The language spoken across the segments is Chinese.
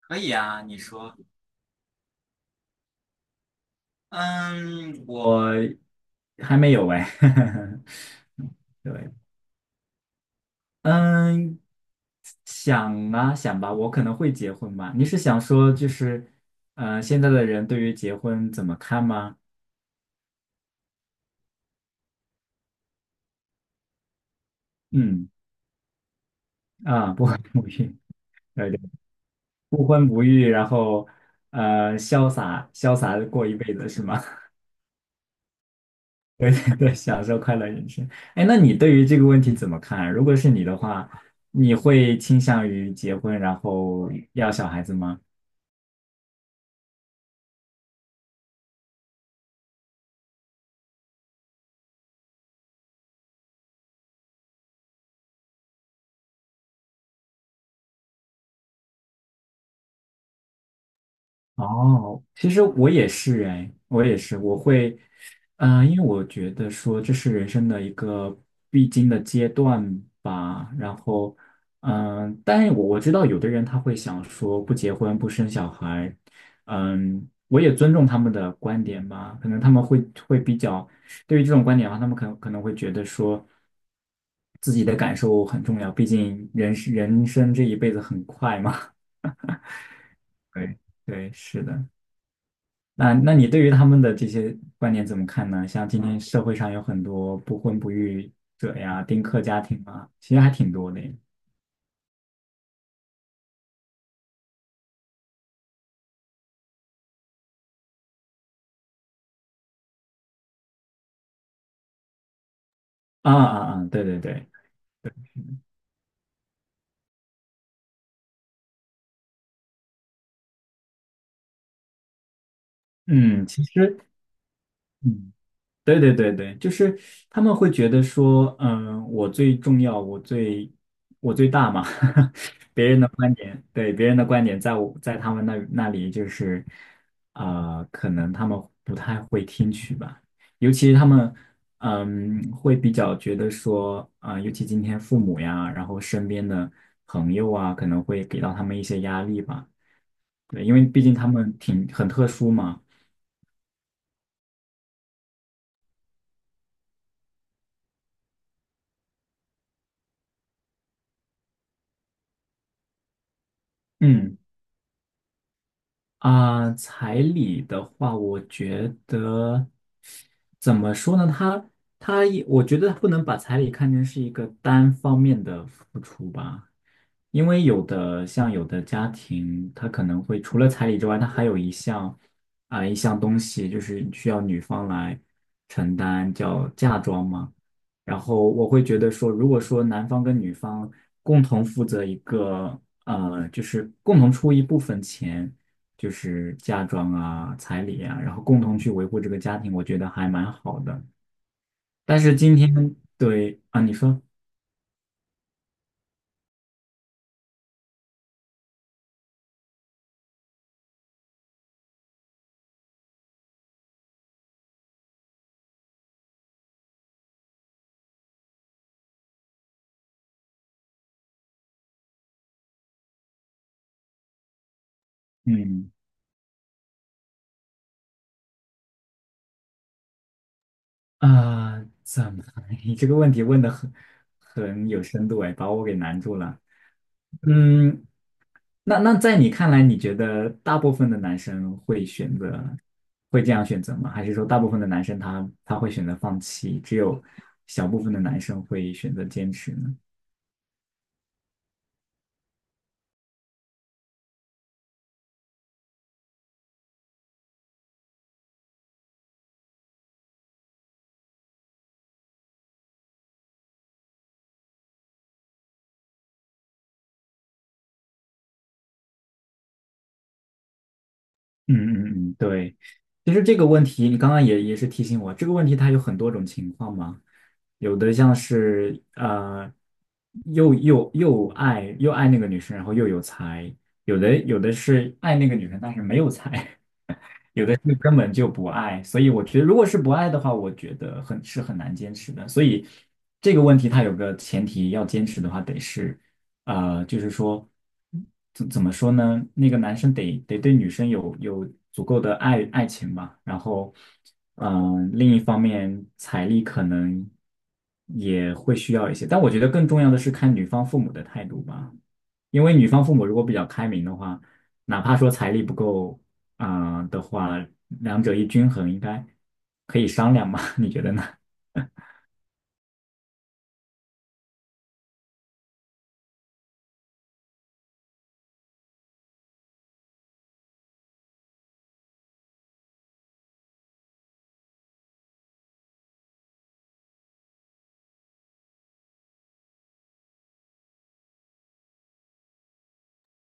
可以啊，你说。嗯，我还没有哎。嗯，想啊想吧，我可能会结婚吧。你是想说就是，现在的人对于结婚怎么看吗？嗯，啊，不婚不育，对对，不婚不育，然后潇洒潇洒地过一辈子是吗？对对对，享受快乐人生。哎，那你对于这个问题怎么看啊？如果是你的话，你会倾向于结婚然后要小孩子吗？哦，其实我也是哎，我也是，我会，因为我觉得说这是人生的一个必经的阶段吧。然后，但是我知道有的人他会想说不结婚不生小孩，我也尊重他们的观点吧。可能他们会会比较对于这种观点的话，他们可能会觉得说自己的感受很重要，毕竟人生这一辈子很快嘛。对对，是的。那你对于他们的这些观点怎么看呢？像今天社会上有很多不婚不育者呀、丁克家庭啊，其实还挺多的啊啊啊！对对对，嗯，其实。嗯。对对对对，就是他们会觉得说，我最重要，我最大嘛，别人的观点，对别人的观点，在他们那里就是，可能他们不太会听取吧，尤其他们，会比较觉得说，尤其今天父母呀，然后身边的朋友啊，可能会给到他们一些压力吧，对，因为毕竟他们很特殊嘛，嗯。彩礼的话，我觉得怎么说呢？他他也，我觉得不能把彩礼看成是一个单方面的付出吧，因为有的家庭，他可能会除了彩礼之外，他还有一项一项东西，就是需要女方来承担，叫嫁妆嘛。然后我会觉得说，如果说男方跟女方共同负责一个，就是共同出一部分钱。就是嫁妆啊、彩礼啊，然后共同去维护这个家庭，我觉得还蛮好的。但是对啊，你说，嗯啊，怎么？你这个问题问的很有深度哎，把我给难住了。嗯，那在你看来，你觉得大部分的男生会这样选择吗？还是说大部分的男生他会选择放弃，只有小部分的男生会选择坚持呢？嗯嗯嗯，对。其实这个问题，你刚刚也是提醒我，这个问题它有很多种情况嘛，有的像是又爱那个女生，然后又有才，有的是爱那个女生但是没有才，有的是根本就不爱，所以我觉得，如果是不爱的话，我觉得是很难坚持的。所以这个问题它有个前提，要坚持的话得是，就是说怎么说呢？那个男生得对女生有足够的爱情吧，然后，另一方面财力可能也会需要一些，但我觉得更重要的是看女方父母的态度吧，因为女方父母如果比较开明的话。哪怕说财力不够，的话，两者一均衡应该可以商量嘛？你觉得呢？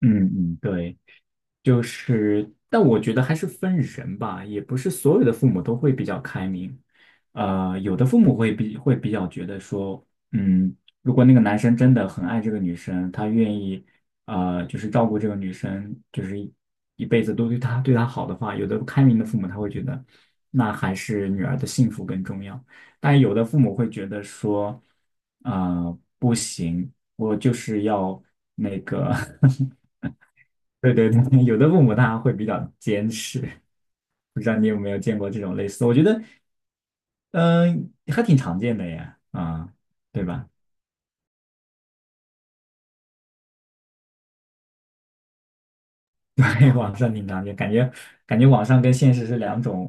嗯嗯，对。就是，但我觉得还是分人吧，也不是所有的父母都会比较开明。有的父母会比较觉得说，嗯，如果那个男生真的很爱这个女生，他愿意，就是照顾这个女生，就是一辈子都对她好的话，有的开明的父母他会觉得，那还是女儿的幸福更重要。但有的父母会觉得说，啊、不行，我就是要那个 对对对，有的父母他会比较坚持，不知道你有没有见过这种类似的我觉得，嗯、还挺常见的呀，对吧？对，网上挺常见，感觉网上跟现实是两种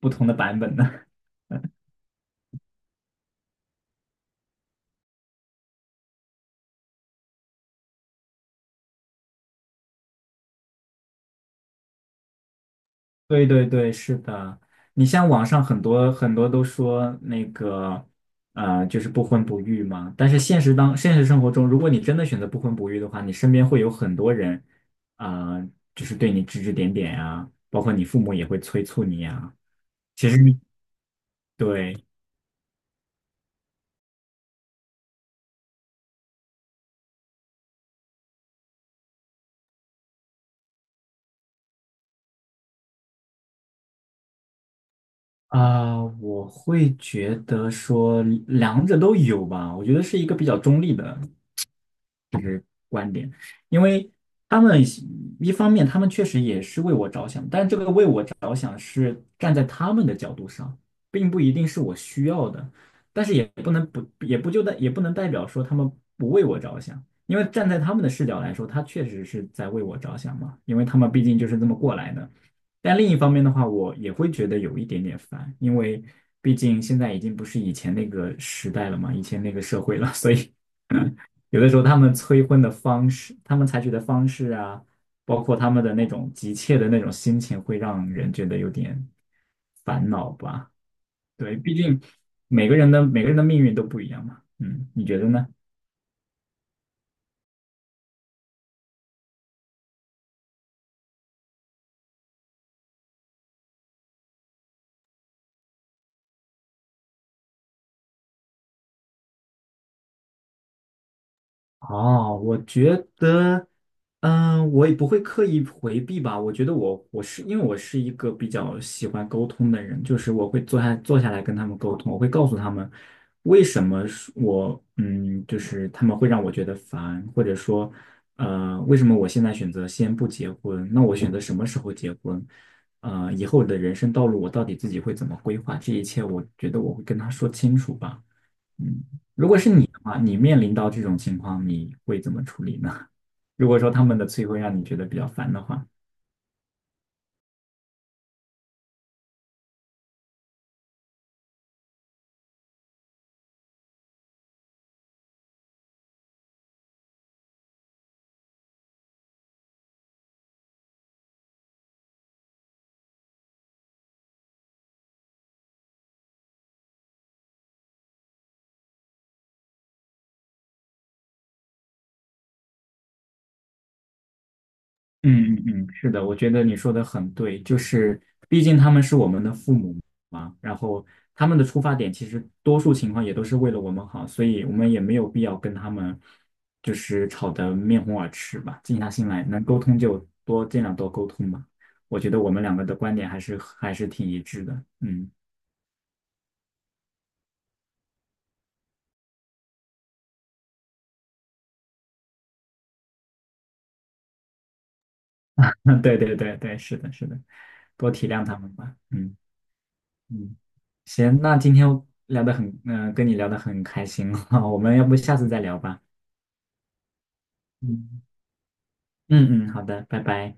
不同的版本呢。对对对，是的。你像网上很多很多都说那个，就是不婚不育嘛。但是现实生活中，如果你真的选择不婚不育的话，你身边会有很多人，啊、就是对你指指点点呀，包括你父母也会催促你啊。其实你对，我会觉得说两者都有吧。我觉得是一个比较中立的观点，因为他们一方面他们确实也是为我着想，但这个为我着想是站在他们的角度上，并不一定是我需要的，但是也不能不也不就代也不能代表说他们不为我着想，因为站在他们的视角来说，他确实是在为我着想嘛，因为他们毕竟就是这么过来的。但另一方面的话，我也会觉得有一点点烦，因为毕竟现在已经不是以前那个时代了嘛，以前那个社会了。所以。有的时候他们催婚的方式，他们采取的方式啊，包括他们的那种急切的那种心情，会让人觉得有点烦恼吧。对，毕竟每个人的命运都不一样嘛。嗯，你觉得呢？哦，我觉得，我也不会刻意回避吧。我觉得我我是因为我是一个比较喜欢沟通的人，就是我会坐下来跟他们沟通，我会告诉他们为什么是我，就是他们会让我觉得烦，或者说为什么我现在选择先不结婚？那我选择什么时候结婚？以后我的人生道路我到底自己会怎么规划？这一切我觉得我会跟他说清楚吧。嗯，如果是你的话，你面临到这种情况，你会怎么处理呢？如果说他们的催毁让你觉得比较烦的话，嗯嗯嗯，是的，我觉得你说的很对，就是毕竟他们是我们的父母嘛，然后他们的出发点其实多数情况也都是为了我们好，所以我们也没有必要跟他们就是吵得面红耳赤吧，静下心来，能沟通就尽量多沟通吧。我觉得我们两个的观点还是挺一致的，嗯。嗯，对对对对，是的，是的，多体谅他们吧。嗯嗯，行，那今天聊得很，嗯、跟你聊得很开心 我们要不下次再聊吧。嗯嗯嗯，好的，拜拜。